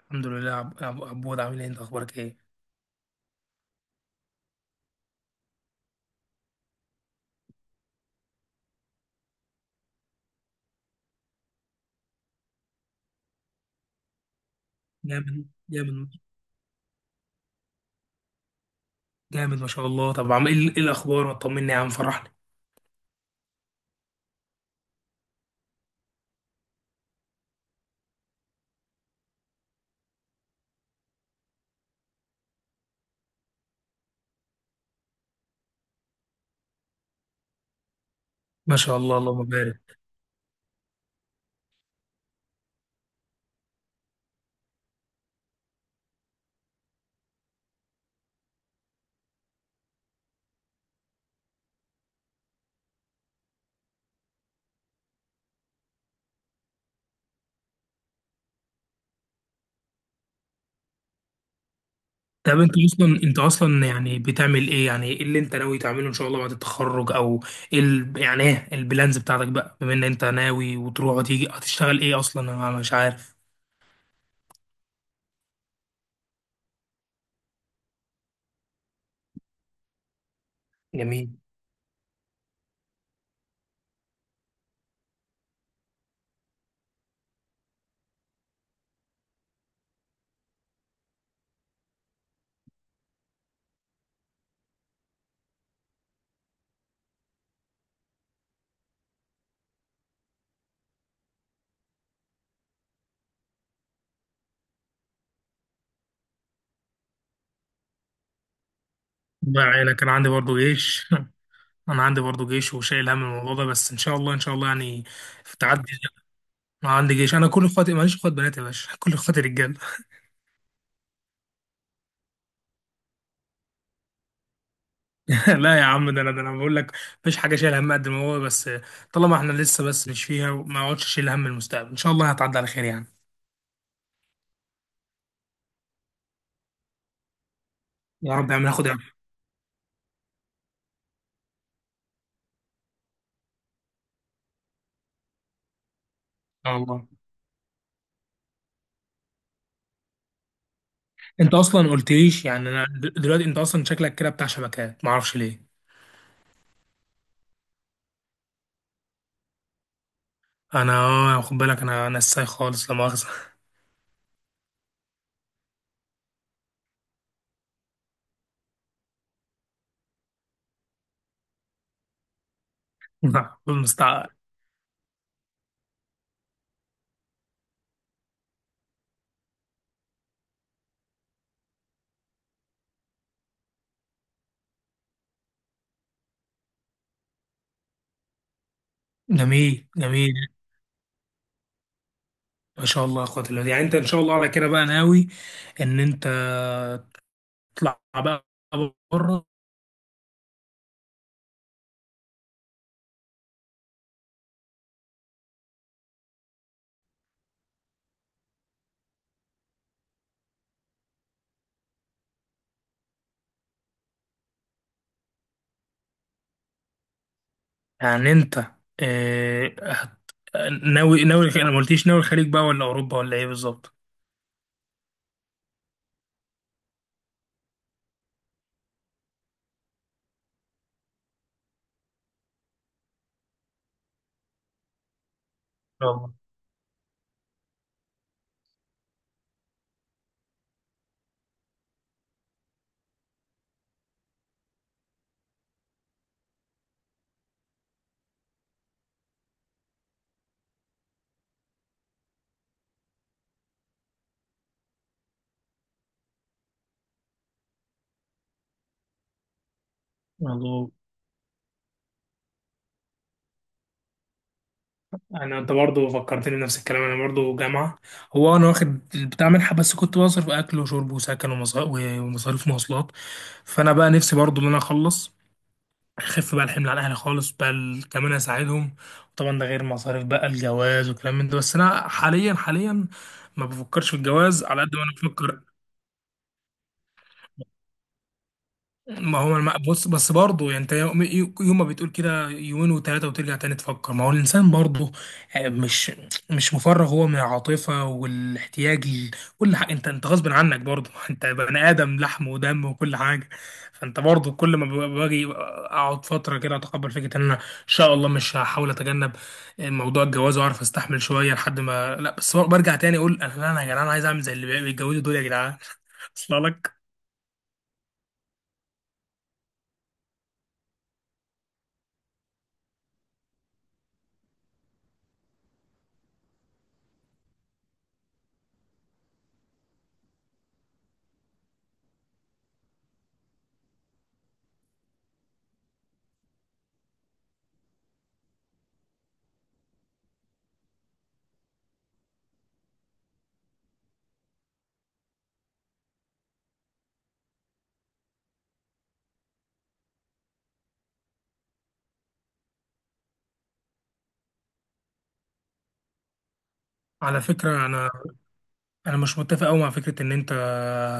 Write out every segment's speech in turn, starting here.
الحمد لله. عبود، عامل ايه؟ انت اخبارك ايه؟ جامد، جامد ما شاء الله. طب عامل ايه؟ إيه الاخبار؟ ما طمني يا عم، فرحني. ما شاء الله اللهم بارك. طب انت اصلا، انت اصلا بتعمل ايه؟ يعني ايه اللي انت ناوي تعمله ان شاء الله بعد التخرج؟ او ايه يعني ايه البلانز بتاعتك بقى، بما ان انت ناوي وتروح وتيجي؟ هتشتغل ايه اصلا؟ انا مش عارف. جميل. الله يعينك، انا عندي برضو جيش. انا عندي برضو جيش وشايل هم الموضوع ده، بس ان شاء الله ان شاء الله تعدي. انا عندي جيش، انا كل اخواتي، ماليش اخوات بنات يا باشا. كل اخواتي رجاله. لا يا عم، ده انا بقول لك مفيش حاجه شايل هم قد ما هو، بس طالما احنا لسه بس مش فيها وما اقعدش اشيل هم المستقبل، ان شاء الله هتعدي على خير يعني. يا رب يا عم، ناخد ان شاء الله. انت اصلا قلتليش يعني انا دلوقتي، انت اصلا شكلك كده بتاع شبكات، ما اعرفش ليه. انا اه، خد بالك، انا ساي خالص، لا مؤاخذه. المستعقل. جميل. ما شاء الله يا اخوات الله. يعني انت ان شاء الله على كده بقى ناوي ان انت تطلع بقى بره؟ يعني انت آه، هت- ناوي، انا ما قلتيش، ناوي الخليج بقى ولا اوروبا ولا ايه بالظبط؟ والله. والله انا، انت برضه فكرتني بنفس الكلام، انا برضه جامعه. هو انا واخد بتاع منحه، بس كنت بصرف اكل وشرب وسكن ومصاريف مواصلات. فانا بقى نفسي برضه ان انا اخلص، اخف بقى الحمل على اهلي خالص بقى كمان اساعدهم. طبعا ده غير مصاريف بقى الجواز وكلام من ده، بس انا حاليا، حاليا ما بفكرش في الجواز على قد ما انا بفكر. ما هو بص، بس برضه يعني انت، يوم ما بتقول كده يومين وثلاثه، وترجع تاني تفكر. ما هو الانسان برضه، مش مش مفرغ هو من العاطفه والاحتياج كل حاجه، انت غصب عنك برضه. انت بني ادم لحم ودم وكل حاجه. فانت برضه كل ما باجي اقعد فتره كده اتقبل فكره ان انا ان شاء الله مش هحاول اتجنب موضوع الجواز واعرف استحمل شويه، لحد ما لا، بس برجع تاني اقول انا لا، انا يا جدعان عايز اعمل زي اللي بيتجوزوا دول يا جدعان. اصل لك على فكرة. أنا، انا مش متفق قوي مع فكره ان انت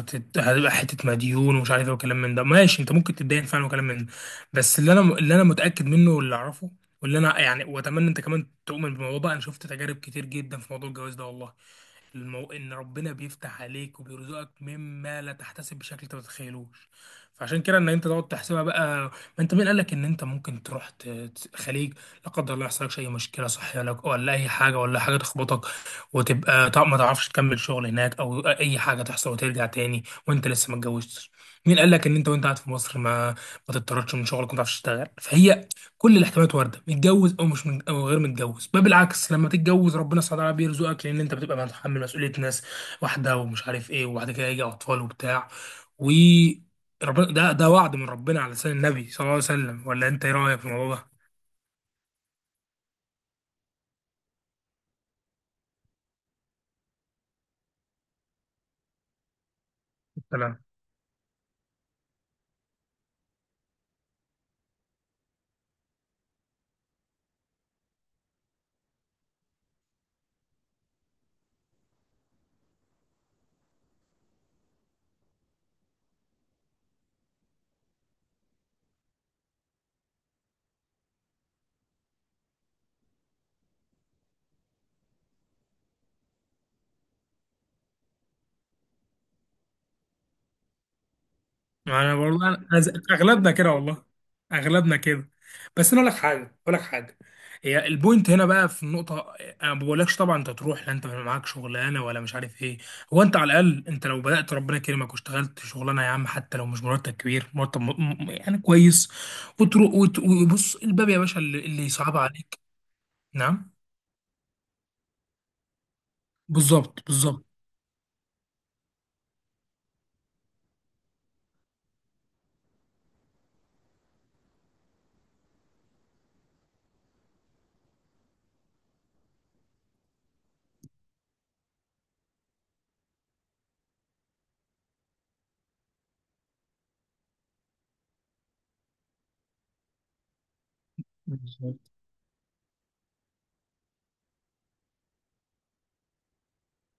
هتبقى حته مديون ومش عارف ايه وكلام من ده. ماشي، انت ممكن تتدين فعلا وكلام من ده، بس اللي انا متاكد منه واللي اعرفه واللي انا واتمنى انت كمان تؤمن بالموضوع ده، انا شفت تجارب كتير جدا في موضوع الجواز ده، والله ان ربنا بيفتح عليك وبيرزقك مما لا تحتسب، بشكل انت ما تتخيلوش. فعشان كده ان انت تقعد تحسبها بقى، ما انت مين قال لك ان انت ممكن تروح خليج؟ لا قدر الله يحصل لك اي مشكله صحيه لك، ولا اي حاجه، ولا حاجه تخبطك وتبقى ما تعرفش تكمل شغل هناك، او اي حاجه تحصل وترجع تاني وانت لسه ما اتجوزتش. مين قال لك ان انت وانت قاعد في مصر ما تضطرش من شغلك وما تعرفش تشتغل؟ فهي كل الاحتمالات وارده، متجوز او مش من او غير متجوز. بل بالعكس، لما تتجوز ربنا سبحانه وتعالى بيرزقك، لان انت بتبقى متحمل مسؤوليه ناس واحده ومش عارف ايه، وبعد كده يجي اطفال وبتاع و ربنا. ده وعد من ربنا على لسان النبي صلى الله عليه وسلم، ولا انت ايه رايك في الموضوع ده؟ ما انا والله أنا اغلبنا كده والله، اغلبنا كده. بس انا اقول لك حاجه، اقول لك حاجه، هي البوينت هنا بقى في النقطه. انا ما بقولكش طبعا انت تروح، لا انت معاك شغلانه ولا مش عارف ايه. هو انت على الاقل، انت لو بدات ربنا يكرمك واشتغلت شغلانه يا عم، حتى لو مش مرتب كبير، مرتب يعني كويس، وتروح وبص الباب يا باشا، اللي صعب عليك. نعم. بالظبط. بالظبط.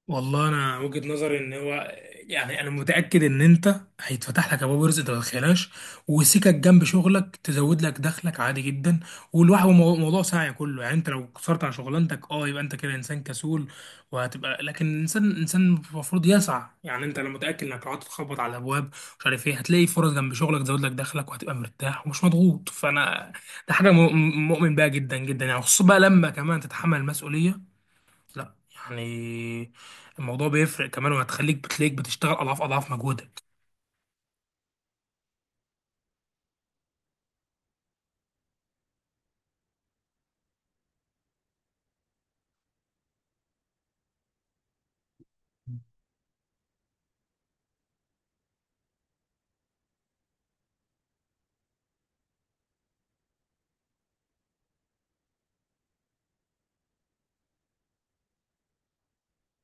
والله انا وجهة نظري ان هو، يعني انا متاكد ان انت هيتفتح لك ابواب رزق انت ما تتخيلهاش، وسكك جنب شغلك تزود لك دخلك عادي جدا. والواحد موضوع سعي كله. يعني انت لو قصرت عن شغلانتك اه، يبقى انت كده انسان كسول وهتبقى، لكن الانسان انسان المفروض يسعى. يعني انت لو متاكد انك لو قعدت تخبط على الابواب مش عارف ايه، هتلاقي فرص جنب شغلك تزود لك دخلك، وهتبقى مرتاح ومش مضغوط. فانا ده حاجه مؤمن بيها جدا جدا، يعني خصوصا بقى لما كمان تتحمل المسؤوليه، لا يعني الموضوع بيفرق كمان، وهتخليك بتلاقيك بتشتغل اضعاف، اضعاف مجهودك.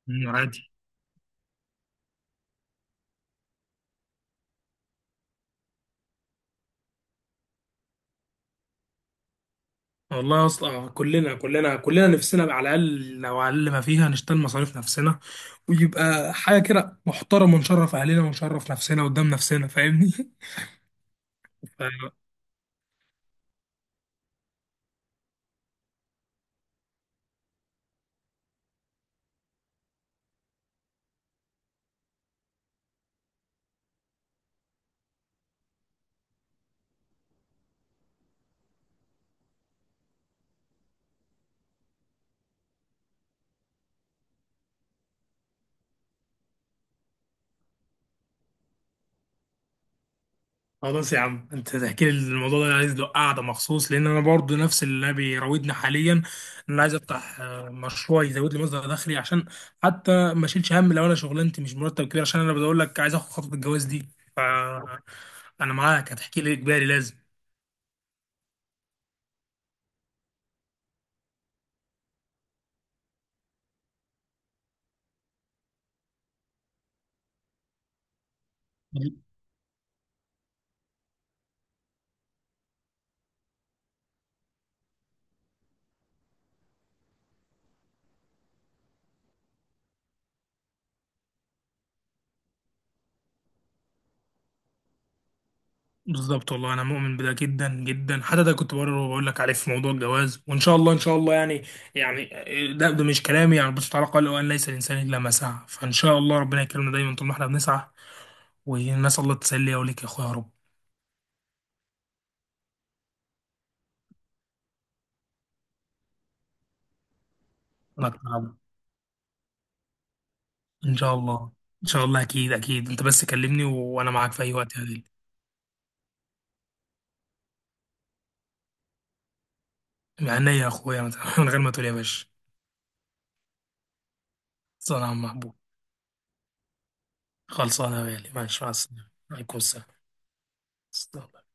عادي. والله اصلا، كلنا نفسنا على الاقل، لو على الاقل ما فيها نشتغل مصاريف نفسنا، ويبقى حاجه كده محترمه ونشرف اهلنا ونشرف نفسنا قدام نفسنا، فاهمني؟ خلاص يا عم، انت تحكي لي الموضوع ده، انا عايز له قعده مخصوص، لان انا برضو نفس اللي بيراودني حاليا ان انا عايز افتح مشروع يزود لي مصدر دخلي، عشان حتى ما اشيلش هم لو انا شغلانتي مش مرتب كبير، عشان انا بقول لك عايز اخد خطوه الجواز دي. ف انا معاك، هتحكي لي اجباري لازم. بالظبط. والله انا مؤمن بده جدا جدا، حتى ده كنت بقرر وبقول لك عليه في موضوع الجواز، وان شاء الله ان شاء الله يعني، يعني ده مش كلامي يعني، بس تعالى قال وان ليس الانسان الا ما سعى، فان شاء الله ربنا يكرمنا دايما طول ما احنا بنسعى. والناس الله تسلي وليك يا اخويا يا رب. انا أتعب. ان شاء الله. ان شاء الله، اكيد اكيد. انت بس كلمني وانا معاك في اي وقت يا غالي. من عينيا يا اخويا، من من غير ما تقول يا باشا. صلاة على محبوب. خلصانه يا غالي، ماشي، مع السلامه عليكم. السلام.